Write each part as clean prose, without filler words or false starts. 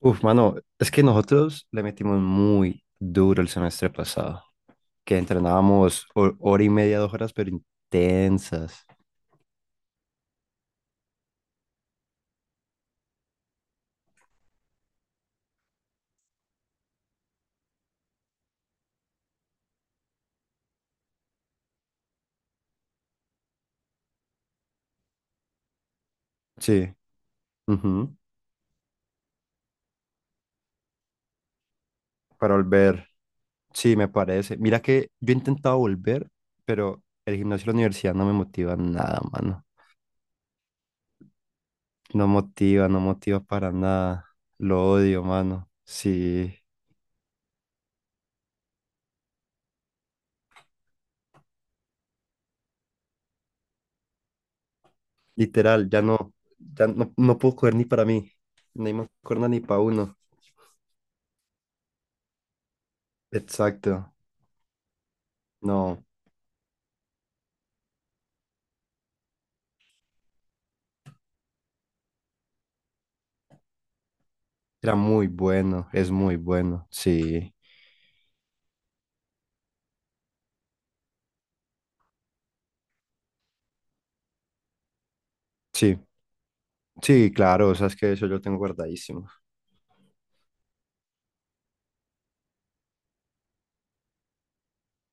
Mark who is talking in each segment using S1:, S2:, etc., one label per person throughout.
S1: Uf, mano, es que nosotros le metimos muy duro el semestre pasado, que entrenábamos hora y media, 2 horas, pero intensas. Sí, ujú. Para volver. Sí, me parece. Mira que yo he intentado volver, pero el gimnasio de la universidad no me motiva nada, mano. No motiva, no motiva para nada. Lo odio, mano. Sí, literal, ya no, ya no, no puedo coger ni para mí, ni me acuerdo ni para uno. Exacto. No. Era muy bueno, es muy bueno. Sí, sí, sí, claro, o sea, es que eso yo lo tengo guardadísimo.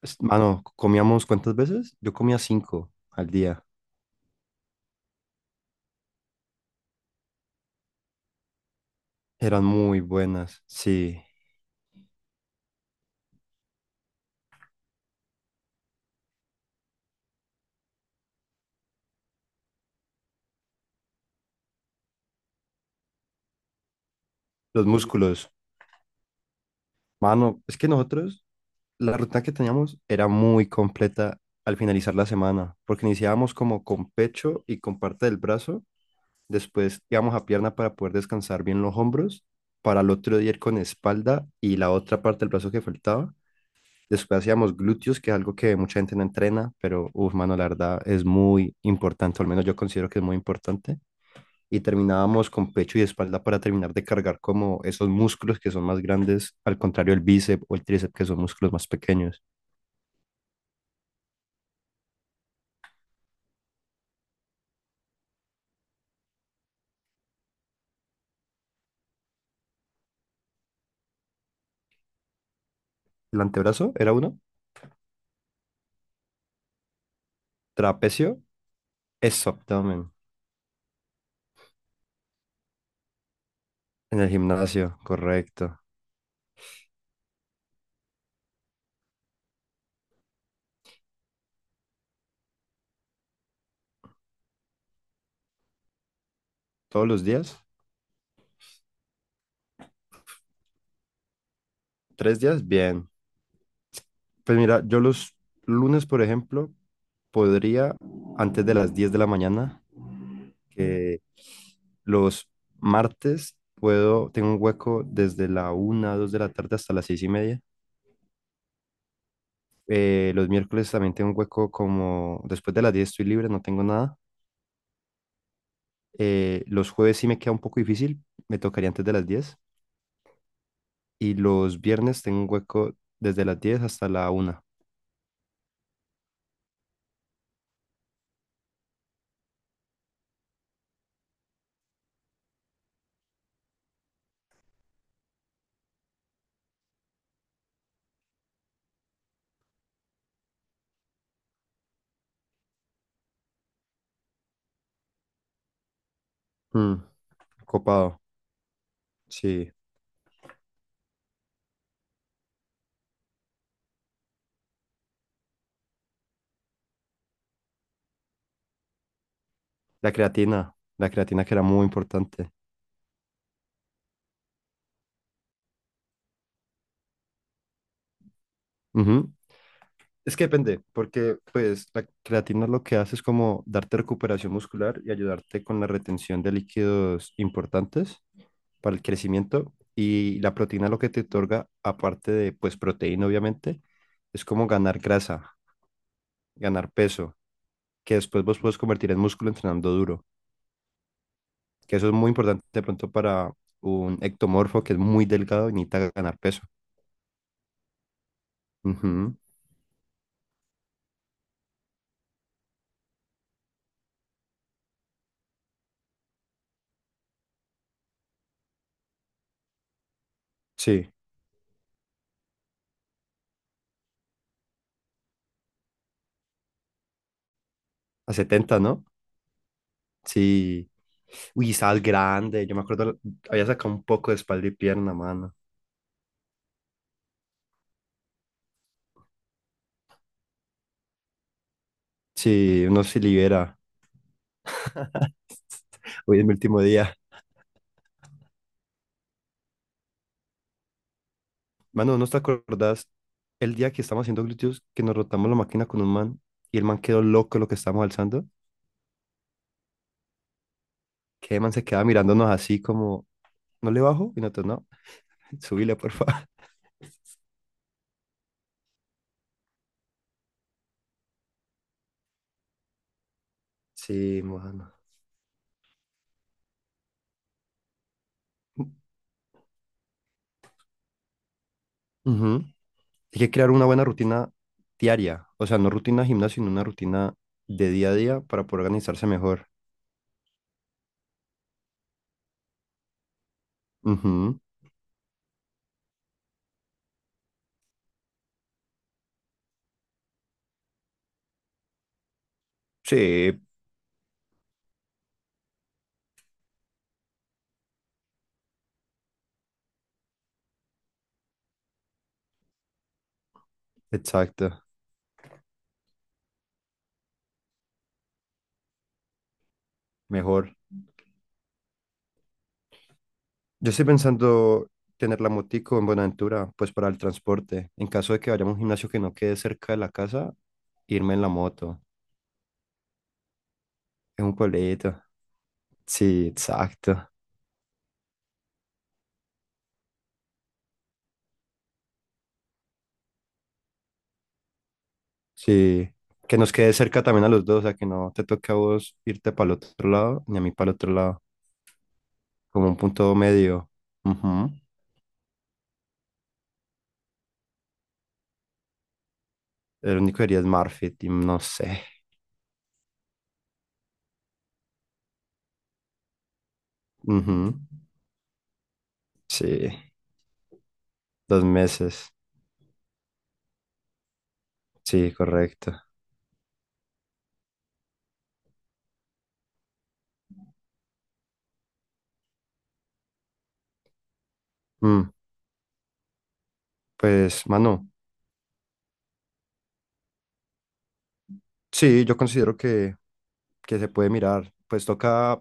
S1: Mano, ¿comíamos cuántas veces? Yo comía cinco al día. Eran muy buenas, sí. Los músculos, mano, es que nosotros, la rutina que teníamos era muy completa al finalizar la semana, porque iniciábamos como con pecho y con parte del brazo, después íbamos a pierna para poder descansar bien los hombros, para el otro día ir con espalda y la otra parte del brazo que faltaba. Después hacíamos glúteos, que es algo que mucha gente no entrena, pero, uff, mano, la verdad es muy importante, o al menos yo considero que es muy importante. Y terminábamos con pecho y espalda para terminar de cargar como esos músculos que son más grandes, al contrario del bíceps o el tríceps, que son músculos más pequeños. El antebrazo era uno, trapecio, eso, abdomen. En el gimnasio, correcto. Todos los días, tres días, bien. Pues mira, yo los lunes, por ejemplo, podría, antes de las 10 de la mañana, que... Los martes puedo, tengo un hueco desde la una 2 de la tarde hasta las 6:30. Los miércoles también tengo un hueco como después de las 10 estoy libre, no tengo nada. Los jueves sí me queda un poco difícil, me tocaría antes de las 10. Y los viernes tengo un hueco desde las 10 hasta la 1. Mm, copado, sí. La creatina que era muy importante. Ujú. Es que depende, porque pues la creatina lo que hace es como darte recuperación muscular y ayudarte con la retención de líquidos importantes para el crecimiento. Y la proteína lo que te otorga, aparte de pues proteína obviamente, es como ganar grasa, ganar peso, que después vos puedes convertir en músculo entrenando duro. Que eso es muy importante de pronto para un ectomorfo que es muy delgado y necesita ganar peso. Ujú. Sí, a 70, ¿no? Sí. Uy, estabas grande. Yo me acuerdo, había sacado un poco de espalda y pierna, mano. Sí, uno se libera. Hoy es mi último día. Mano, ¿no te acordás el día que estábamos haciendo glúteos que nos rotamos la máquina con un man y el man quedó loco lo que estábamos alzando? Que el man se quedaba mirándonos así como, ¿no le bajo? Y nosotros, no, subile, por favor. Sí, mano. Ujú. Hay que crear una buena rutina diaria, o sea, no rutina de gimnasio, sino una rutina de día a día para poder organizarse mejor. Ujú. Sí. Exacto, mejor. Yo estoy pensando tener la motico en Buenaventura, pues para el transporte. En caso de que vayamos a un gimnasio que no quede cerca de la casa, irme en la moto. Es un pueblito. Sí, exacto. Sí. Que nos quede cerca también a los dos, o sea, que no te toque a vos irte para el otro lado, ni a mí para el otro lado, como un punto medio. Ujú. El único día es marketing, no sé. Ujú. Sí, 2 meses. Sí, correcto. Mm, pues, mano, sí, yo considero que se puede mirar. Pues toca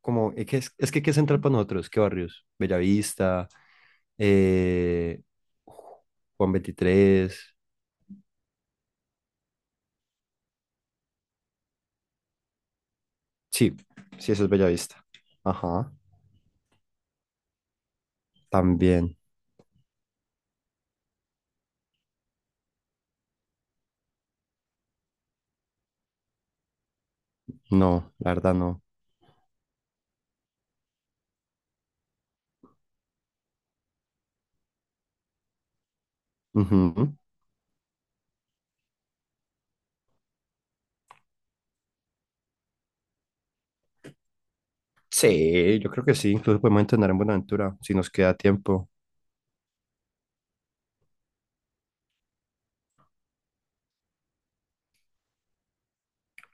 S1: como, es que ¿qué es central para nosotros? ¿Qué barrios? Bellavista, eh, Juan XXIII. Sí, sí, eso es Bellavista. Ajá, también. No, la verdad no. Ujú. Sí, yo creo que sí. Incluso podemos entrenar en Buenaventura si nos queda tiempo.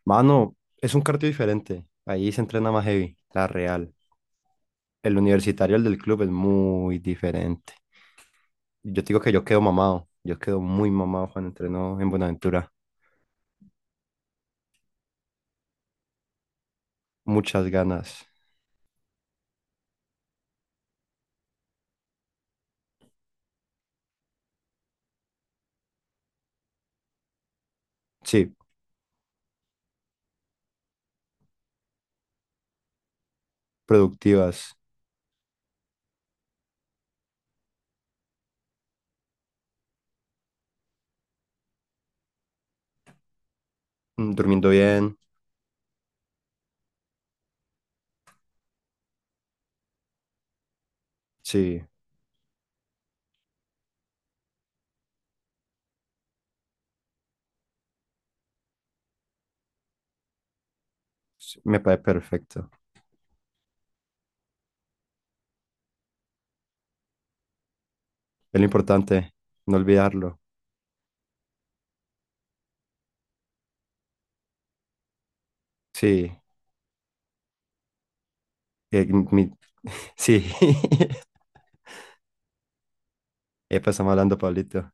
S1: Mano, es un cardio diferente. Ahí se entrena más heavy, la real. El universitario, el del club, es muy diferente. Yo te digo que yo quedo mamado. Yo quedo muy mamado cuando entreno en Buenaventura. Muchas ganas. Sí, productivas. Mm, durmiendo bien. Sí, sí, me parece perfecto. Es lo importante, no olvidarlo. Sí, eh, mi- sí. Epa, estamos hablando, Pablito.